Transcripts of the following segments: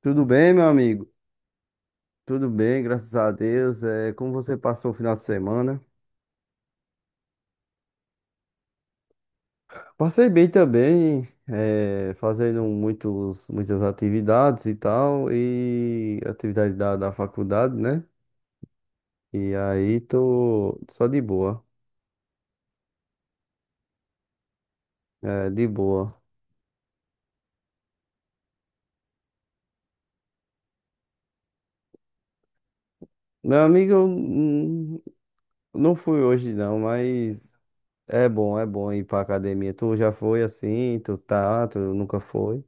Tudo bem, meu amigo? Tudo bem, graças a Deus. É, como você passou o final de semana? Passei bem também, é, fazendo muitas atividades e tal, e atividade da faculdade, né? E aí tô só de boa, é, de boa. Meu amigo, eu, não fui hoje não, mas é bom ir pra academia. Tu já foi assim? Tu tá? Tu nunca foi?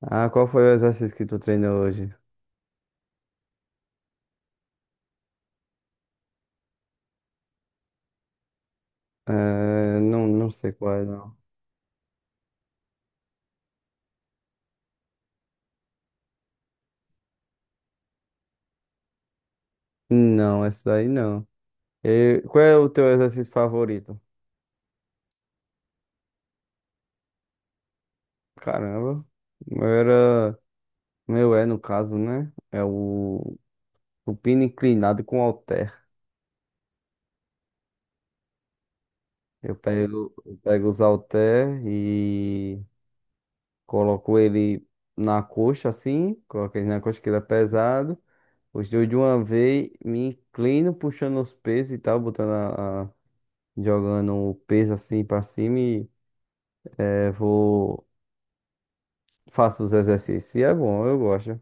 Ah, qual foi o exercício que tu treinou hoje? É, não sei qual é, não. Não, essa daí não. E qual é o teu exercício favorito? Caramba. O meu era. O meu é, no caso, né? É o supino inclinado com halter. Eu pego os halter e coloco ele na coxa, assim. Coloco ele na coxa que ele é pesado. Os dois de uma vez, me inclino puxando os pesos e tal, jogando o peso assim pra cima e é, vou. Faço os exercícios. E é bom, eu gosto.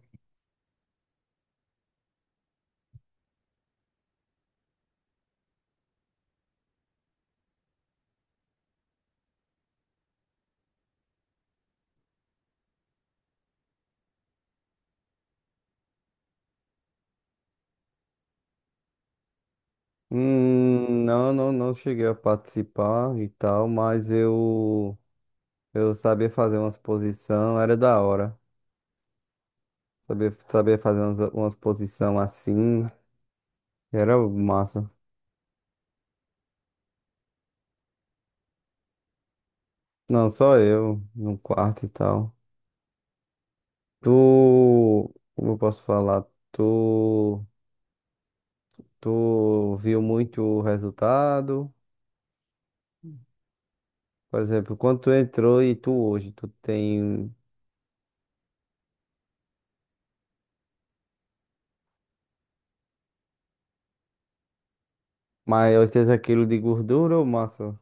Não cheguei a participar e tal, mas eu sabia fazer umas posição, era da hora. Sabia fazer umas posição assim, era massa. Não, só eu, no quarto e tal. Tu, como eu posso falar? Tu, tu viu muito o resultado? Por exemplo, quando tu entrou e tu hoje, tu tem maior 80 quilos de gordura ou massa?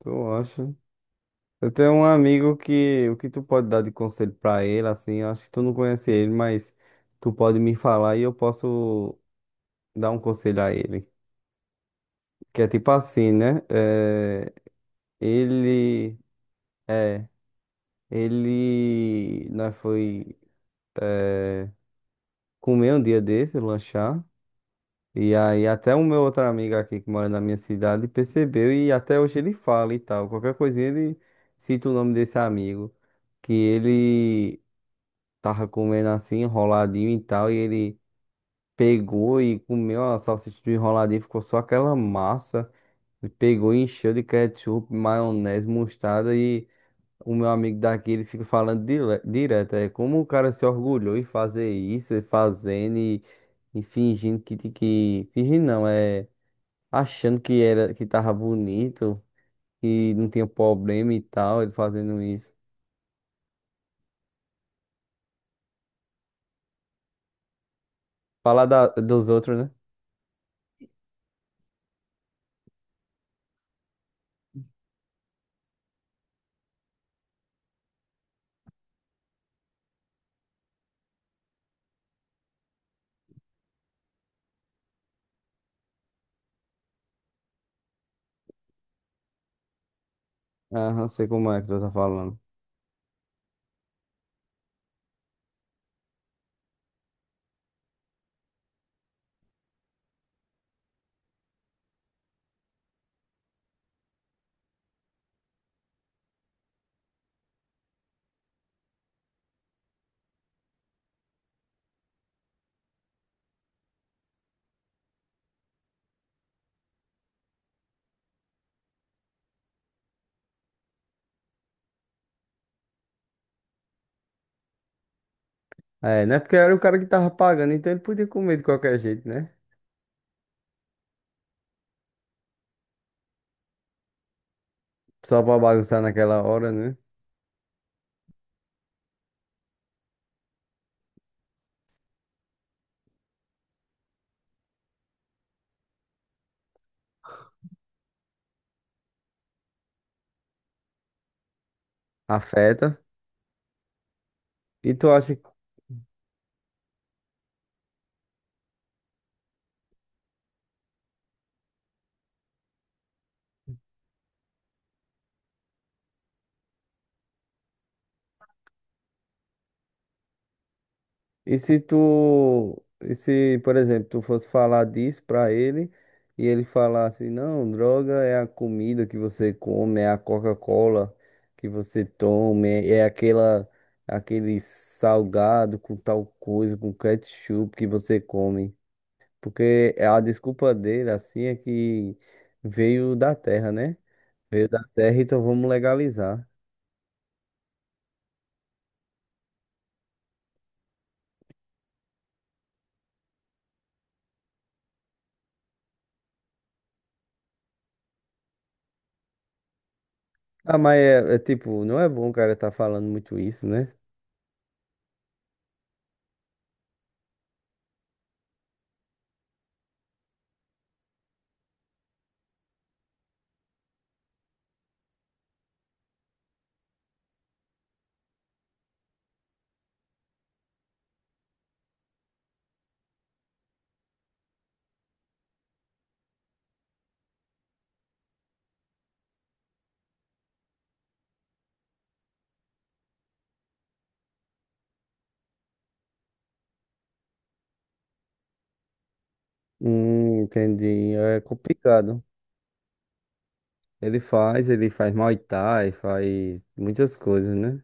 Tu acha? Eu tenho um amigo que o que tu pode dar de conselho pra ele, assim, eu acho que tu não conhece ele, mas tu pode me falar e eu posso dar um conselho a ele. Que é tipo assim, né? Ele, é, ele, nós foi é, comer um dia desse, lanchar, e aí até o meu outro amigo aqui que mora na minha cidade percebeu e até hoje ele fala e tal. Qualquer coisinha ele cita o nome desse amigo que ele tava comendo assim, enroladinho e tal, e ele pegou e comeu a salsicha do enroladinho, ficou só aquela massa, e pegou e encheu de ketchup, maionese, mostarda, e o meu amigo daqui, ele fica falando direto, é como o cara se orgulhou em fazer isso, e fazendo, e fingindo que, fingindo não, é, achando que era, que tava bonito, que não tinha problema e tal, ele fazendo isso. Falar da, dos outros, né? Aham, sei como é que tu tá falando. É, né? Porque era o cara que tava pagando, então ele podia comer de qualquer jeito, né? Só pra bagunçar naquela hora, né? Afeta. E tu acha. E se tu. E se, por exemplo, tu fosse falar disso pra ele e ele falasse: Não, droga é a comida que você come, é a Coca-Cola que você toma, é aquela. Aquele salgado com tal coisa, com ketchup que você come. Porque a desculpa dele, assim, é que veio da terra, né? Veio da terra, então vamos legalizar. Ah, mas é, é tipo, não é bom o cara tá falando muito isso, né? Entendi. É complicado. Ele faz Muay Thai, faz muitas coisas, né?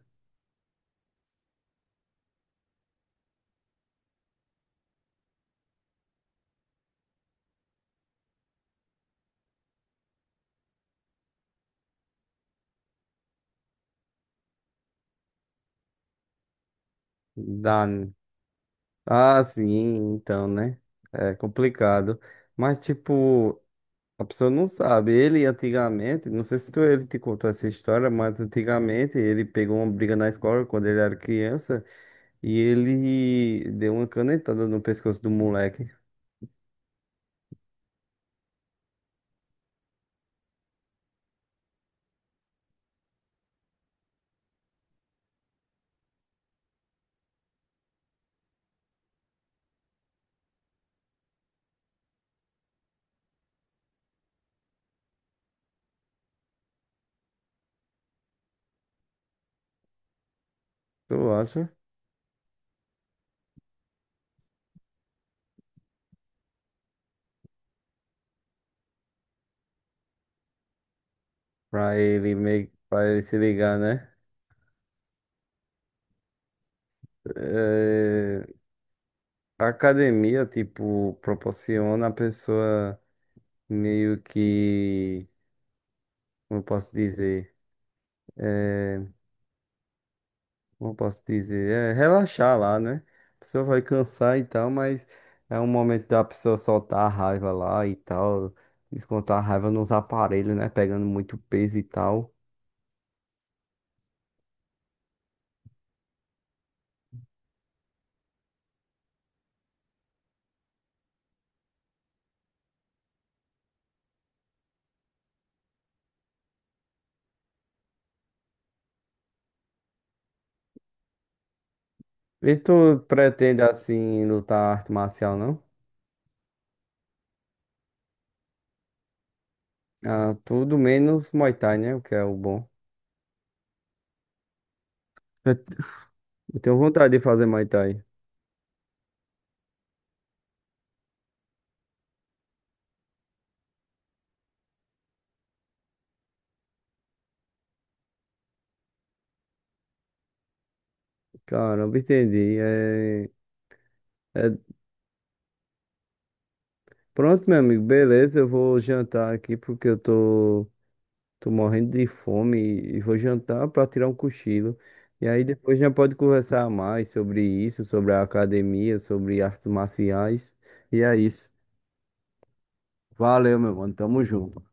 Dá. Né? Ah, sim, então, né? É complicado. Mas, tipo. A pessoa não sabe. Ele antigamente, não sei se tu, ele te contou essa história, mas antigamente ele pegou uma briga na escola quando ele era criança e ele deu uma canetada no pescoço do moleque. Tu acha? Pra ele meio pra ele se ligar, né? Eh, a academia, tipo, proporciona a pessoa meio que, como eu posso dizer? É, como eu posso dizer, é relaxar lá, né? A pessoa vai cansar e tal, mas é um momento da pessoa soltar a raiva lá e tal, descontar a raiva nos aparelhos, né? Pegando muito peso e tal. E tu pretende assim lutar arte marcial, não? Ah, tudo menos Muay Thai, né? O que é o bom. É- Eu tenho vontade de fazer Muay Thai. Caramba, entendi. É, é- Pronto, meu amigo, beleza. Eu vou jantar aqui porque eu tô, tô morrendo de fome e vou jantar pra tirar um cochilo. E aí depois já pode conversar mais sobre isso, sobre a academia, sobre artes marciais. E é isso. Valeu, meu mano. Tamo junto.